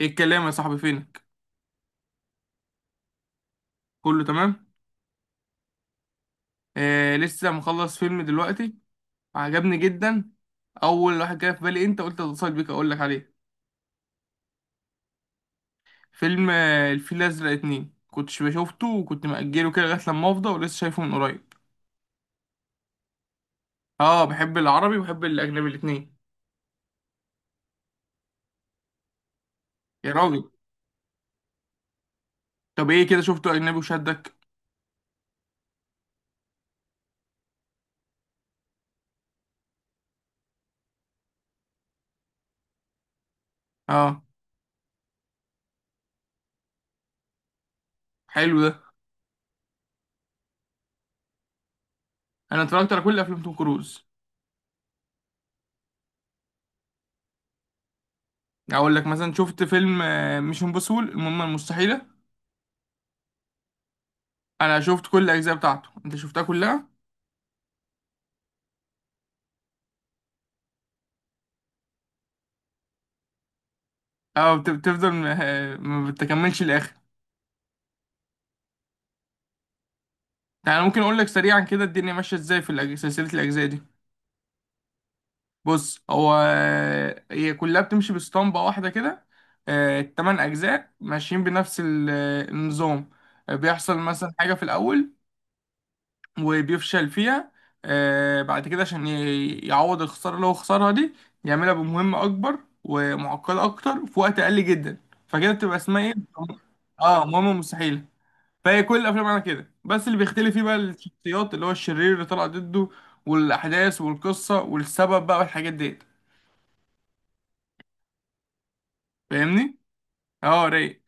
ايه الكلام يا صاحبي؟ فينك؟ كله تمام. لسه مخلص فيلم دلوقتي، عجبني جدا. اول واحد جه في بالي انت، قلت اتصل بيك اقول لك عليه. فيلم الفيل الازرق اتنين كنتش بشوفته وكنت مأجله كده لغايه لما افضى، ولسه شايفه من قريب. اه بحب العربي وبحب الاجنبي الاتنين. يا راجل، طب ايه كده شفته اجنبي وشدك؟ اه حلو ده. انا اتفرجت على كل افلام توم كروز. اقول لك مثلا شفت فيلم مش امبوسول، المهمه المستحيله. انا شفت كل الاجزاء بتاعته، انت شفتها كلها؟ اه بتفضل ما بتكملش الاخر. يعني ممكن اقول لك سريعا كده الدنيا ماشيه ازاي في سلسله الاجزاء دي. بص هو، هي كلها بتمشي باسطمبه واحده كده. التمن اجزاء ماشيين بنفس النظام. بيحصل مثلا حاجه في الاول وبيفشل فيها. بعد كده عشان يعوض الخساره اللي هو خسرها دي، يعملها بمهمه اكبر ومعقده اكتر في وقت اقل جدا، فكده بتبقى اسمها ايه؟ اه مهمه مستحيله. فهي كل الافلام على كده، بس اللي بيختلف فيه بقى الشخصيات، اللي هو الشرير اللي طلع ضده، والاحداث والقصه والسبب بقى والحاجات ديت، فاهمني؟ اه رايق.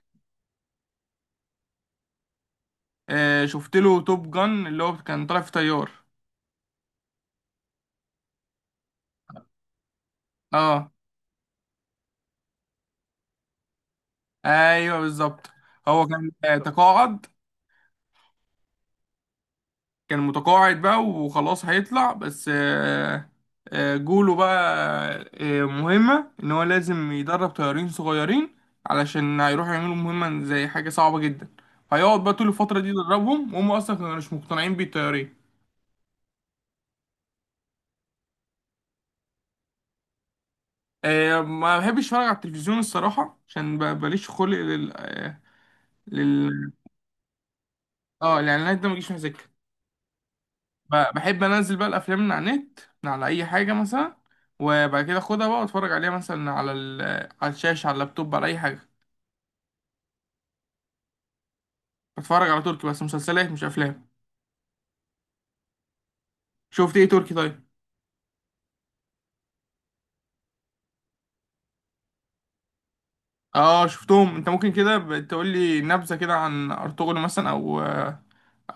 شفت له توب جن، اللي هو كان طالع في طيار. اه ايوه بالظبط. هو كان تقاعد، كان متقاعد بقى وخلاص، هيطلع بس جوله بقى، مهمة إن هو لازم يدرب طيارين صغيرين، علشان هيروحوا يعملوا مهمة زي حاجة صعبة جدا. هيقعد بقى طول الفترة دي يدربهم، وهم أصلا كانوا مش مقتنعين بيه الطيارين. ما بحبش أتفرج على التلفزيون الصراحة، عشان ماليش خلق لل. اه الإعلانات ده مجيش مع سكة. بحب انزل بقى الافلام من على النت، من على اي حاجه مثلا، وبعد كده اخدها بقى واتفرج عليها مثلا على على الشاشه، على اللابتوب، على اي حاجه. بتفرج على تركي بس مسلسلات مش افلام. شفت ايه تركي طيب؟ اه شفتهم. انت ممكن كده تقول لي نبذه كده عن ارطغرل مثلا، او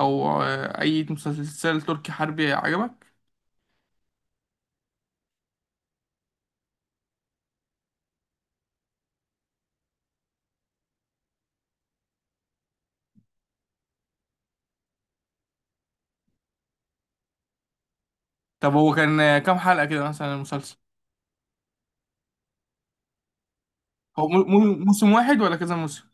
او اي مسلسل تركي حربي عجبك؟ طب هو كان كام حلقه كده مثلا المسلسل؟ هو موسم واحد ولا كذا موسم؟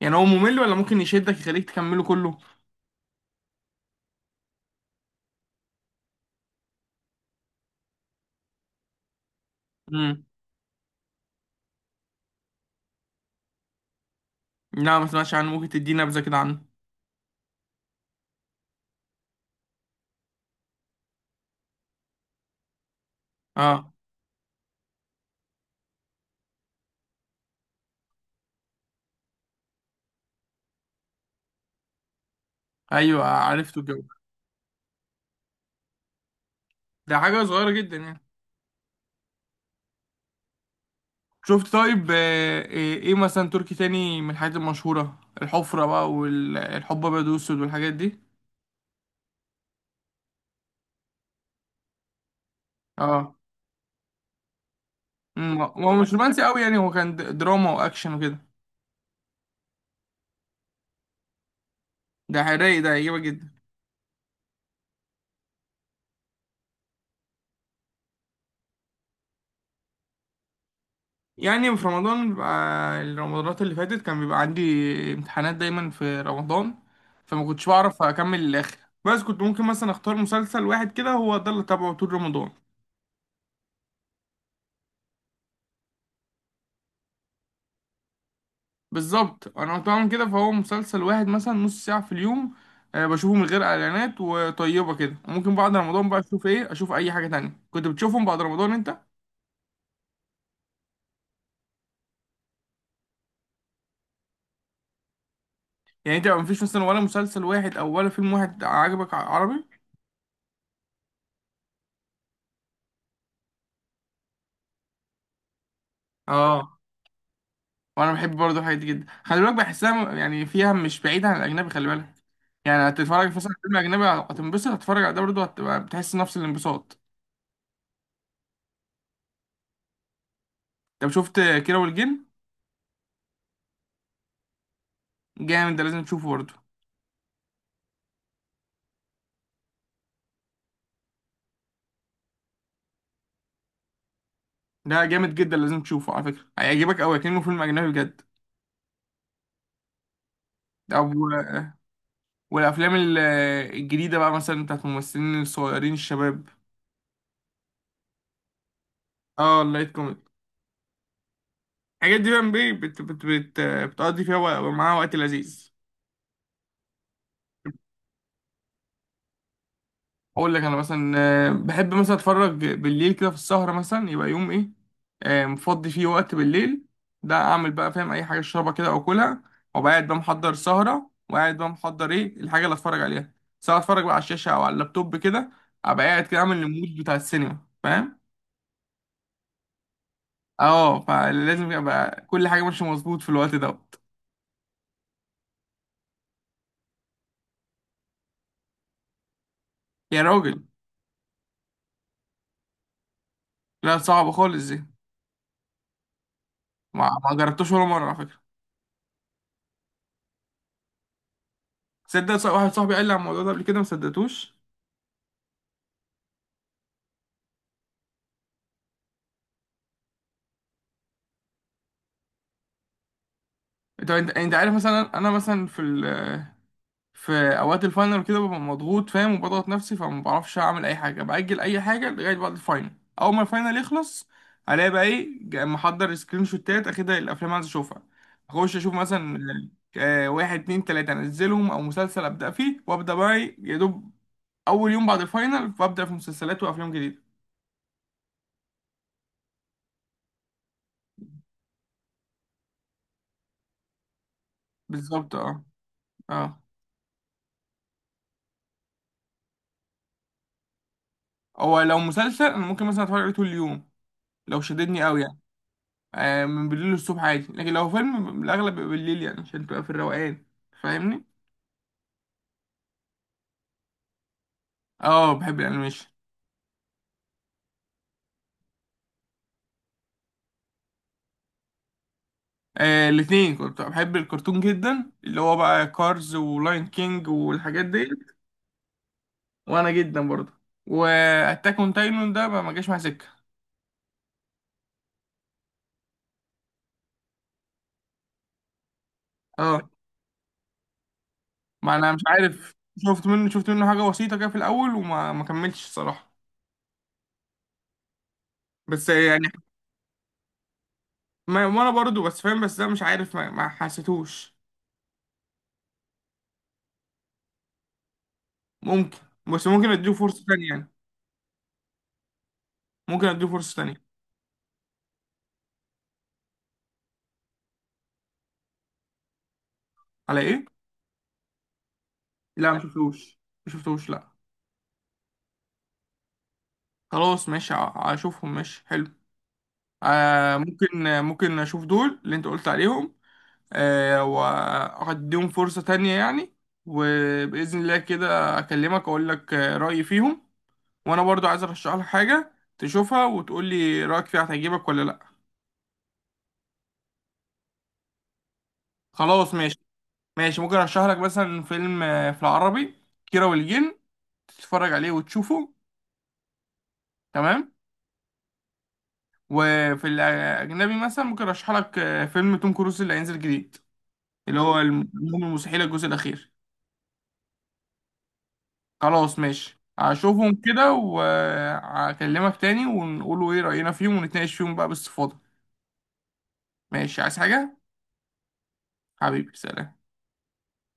يعني هو ممل ولا ممكن يشدك يخليك تكمله كله؟ امم. لا ما سمعتش عنه، ممكن تديني نبذه كده عنه؟ اه ايوه عرفته الجو. ده حاجة صغيرة جدا يعني. شفت طيب؟ إيه مثلا تركي تاني من الحاجات المشهورة، الحفرة بقى والحب ابيض واسود والحاجات دي؟ اه. هو مش رومانسي قوي يعني، هو كان دراما واكشن وكده. ده رايق، ده هيعجبك جدا. يعني في رمضان بيبقى، الرمضانات اللي فاتت كان بيبقى عندي امتحانات دايما في رمضان، فما كنتش بعرف اكمل للاخر. بس كنت ممكن مثلا اختار مسلسل واحد كده، هو ده اللي تابعه طول رمضان. بالظبط، انا كنت بعمل كده، فهو مسلسل واحد مثلا نص ساعة في اليوم، بشوفه من غير اعلانات وطيبة كده، وممكن بعد رمضان بقى اشوف ايه، اشوف اي حاجة تانية. كنت بتشوفهم بعد رمضان انت؟ يعني انت ما فيش مثلا ولا مسلسل واحد او ولا فيلم واحد عجبك عربي؟ اه وانا بحب برضه الحاجات دي جدا، خلي بالك بحسها يعني فيها مش بعيدة عن الاجنبي، خلي بالك. يعني هتتفرج في مثلا على فيلم اجنبي هتنبسط، هتتفرج على ده برضه هتبقى بتحس نفس الانبساط. طب شفت كيرة والجن؟ جامد ده، لازم تشوفه برضه. ده جامد جدا، لازم تشوفه على فكرة، هيعجبك أوي كأنه فيلم أجنبي بجد. أو والأفلام الجديدة بقى مثلا بتاعت الممثلين الصغيرين الشباب. اه اللايت كوميدي، الحاجات دي بقى بي- بت بت بت بتقضي فيها معاها وقت لذيذ. اقول لك انا مثلا، بحب مثلا اتفرج بالليل كده في السهره، مثلا يبقى يوم ايه، مفضي فيه وقت بالليل، ده اعمل بقى، فاهم، اي حاجه اشربها كده او كلها، وبقعد بقى محضر سهره، وقاعد بقى محضر ايه الحاجه اللي اتفرج عليها. سواء اتفرج بقى على الشاشه او على اللابتوب كده، ابقى قاعد كده اعمل المود بتاع السينما، فاهم. اه فلازم يبقى كل حاجه ماشيه مظبوط في الوقت دوت. يا راجل لا صعبه خالص دي، ما جربتوش ولا مره على فكره؟ تصدق واحد صاحبي قال لي على الموضوع ده قبل كده ما صدقتوش؟ طب انت عارف، مثلا انا مثلا في ال في اوقات الفاينل كده ببقى مضغوط فاهم، وبضغط نفسي، فما بعرفش اعمل اي حاجه، باجل اي حاجه لغايه بعد الفاينل. اول ما الفاينل يخلص، الاقي بقى ايه محضر سكرين شوتات اخدها الافلام اللي عايز اشوفها، اخش اشوف مثلا واحد اتنين تلاته انزلهم، او مسلسل ابدا فيه وابدا بقى ايه يا دوب، اول يوم بعد الفاينل فابدا في مسلسلات وافلام جديده. بالظبط اه اه. هو لو مسلسل انا ممكن مثلا اتفرج عليه طول اليوم لو شددني قوي يعني. من بالليل للصبح عادي، لكن لو فيلم الاغلب بيبقى بالليل، يعني عشان تبقى في الروقان، فاهمني. اه بحب الانيميشن. الاثنين كنت بحب الكرتون جدا، اللي هو بقى كارز ولاين كينج والحاجات دي. وانا جدا برضه، واتاك اون تايتن ده ما جاش مع سكه. اه ما انا مش عارف، شفت منه حاجه بسيطه كده في الاول، وما ما كملتش الصراحه، بس يعني. ما وانا برضه بس فاهم، بس ده مش عارف ما حسيتوش. ممكن، بس ممكن اديله فرصه تانية يعني، ممكن اديله فرصه تانية. على ايه؟ لا ما شفتوش لا. خلاص ماشي، هشوفهم، ماشي حلو. آه ممكن، ممكن اشوف دول اللي انت قلت عليهم. آه وهديهم فرصة تانية يعني، وبإذن الله كده اكلمك اقول لك رأيي فيهم. وانا برضو عايز ارشح لك حاجة تشوفها وتقول لي رأيك فيها، هتعجبك ولا لا. خلاص ماشي، ماشي ممكن ارشح لك مثلا فيلم، في العربي كيرة والجن، تتفرج عليه وتشوفه، تمام. وفي الأجنبي مثلا ممكن أرشح لك فيلم توم كروز اللي هينزل جديد، اللي هو المهم، المستحيل الجزء الأخير. خلاص ماشي هشوفهم كده وهكلمك تاني، ونقولوا إيه رأينا فيهم، ونتناقش فيهم بقى باستفاضة. ماشي عايز حاجة؟ حبيبي سلام.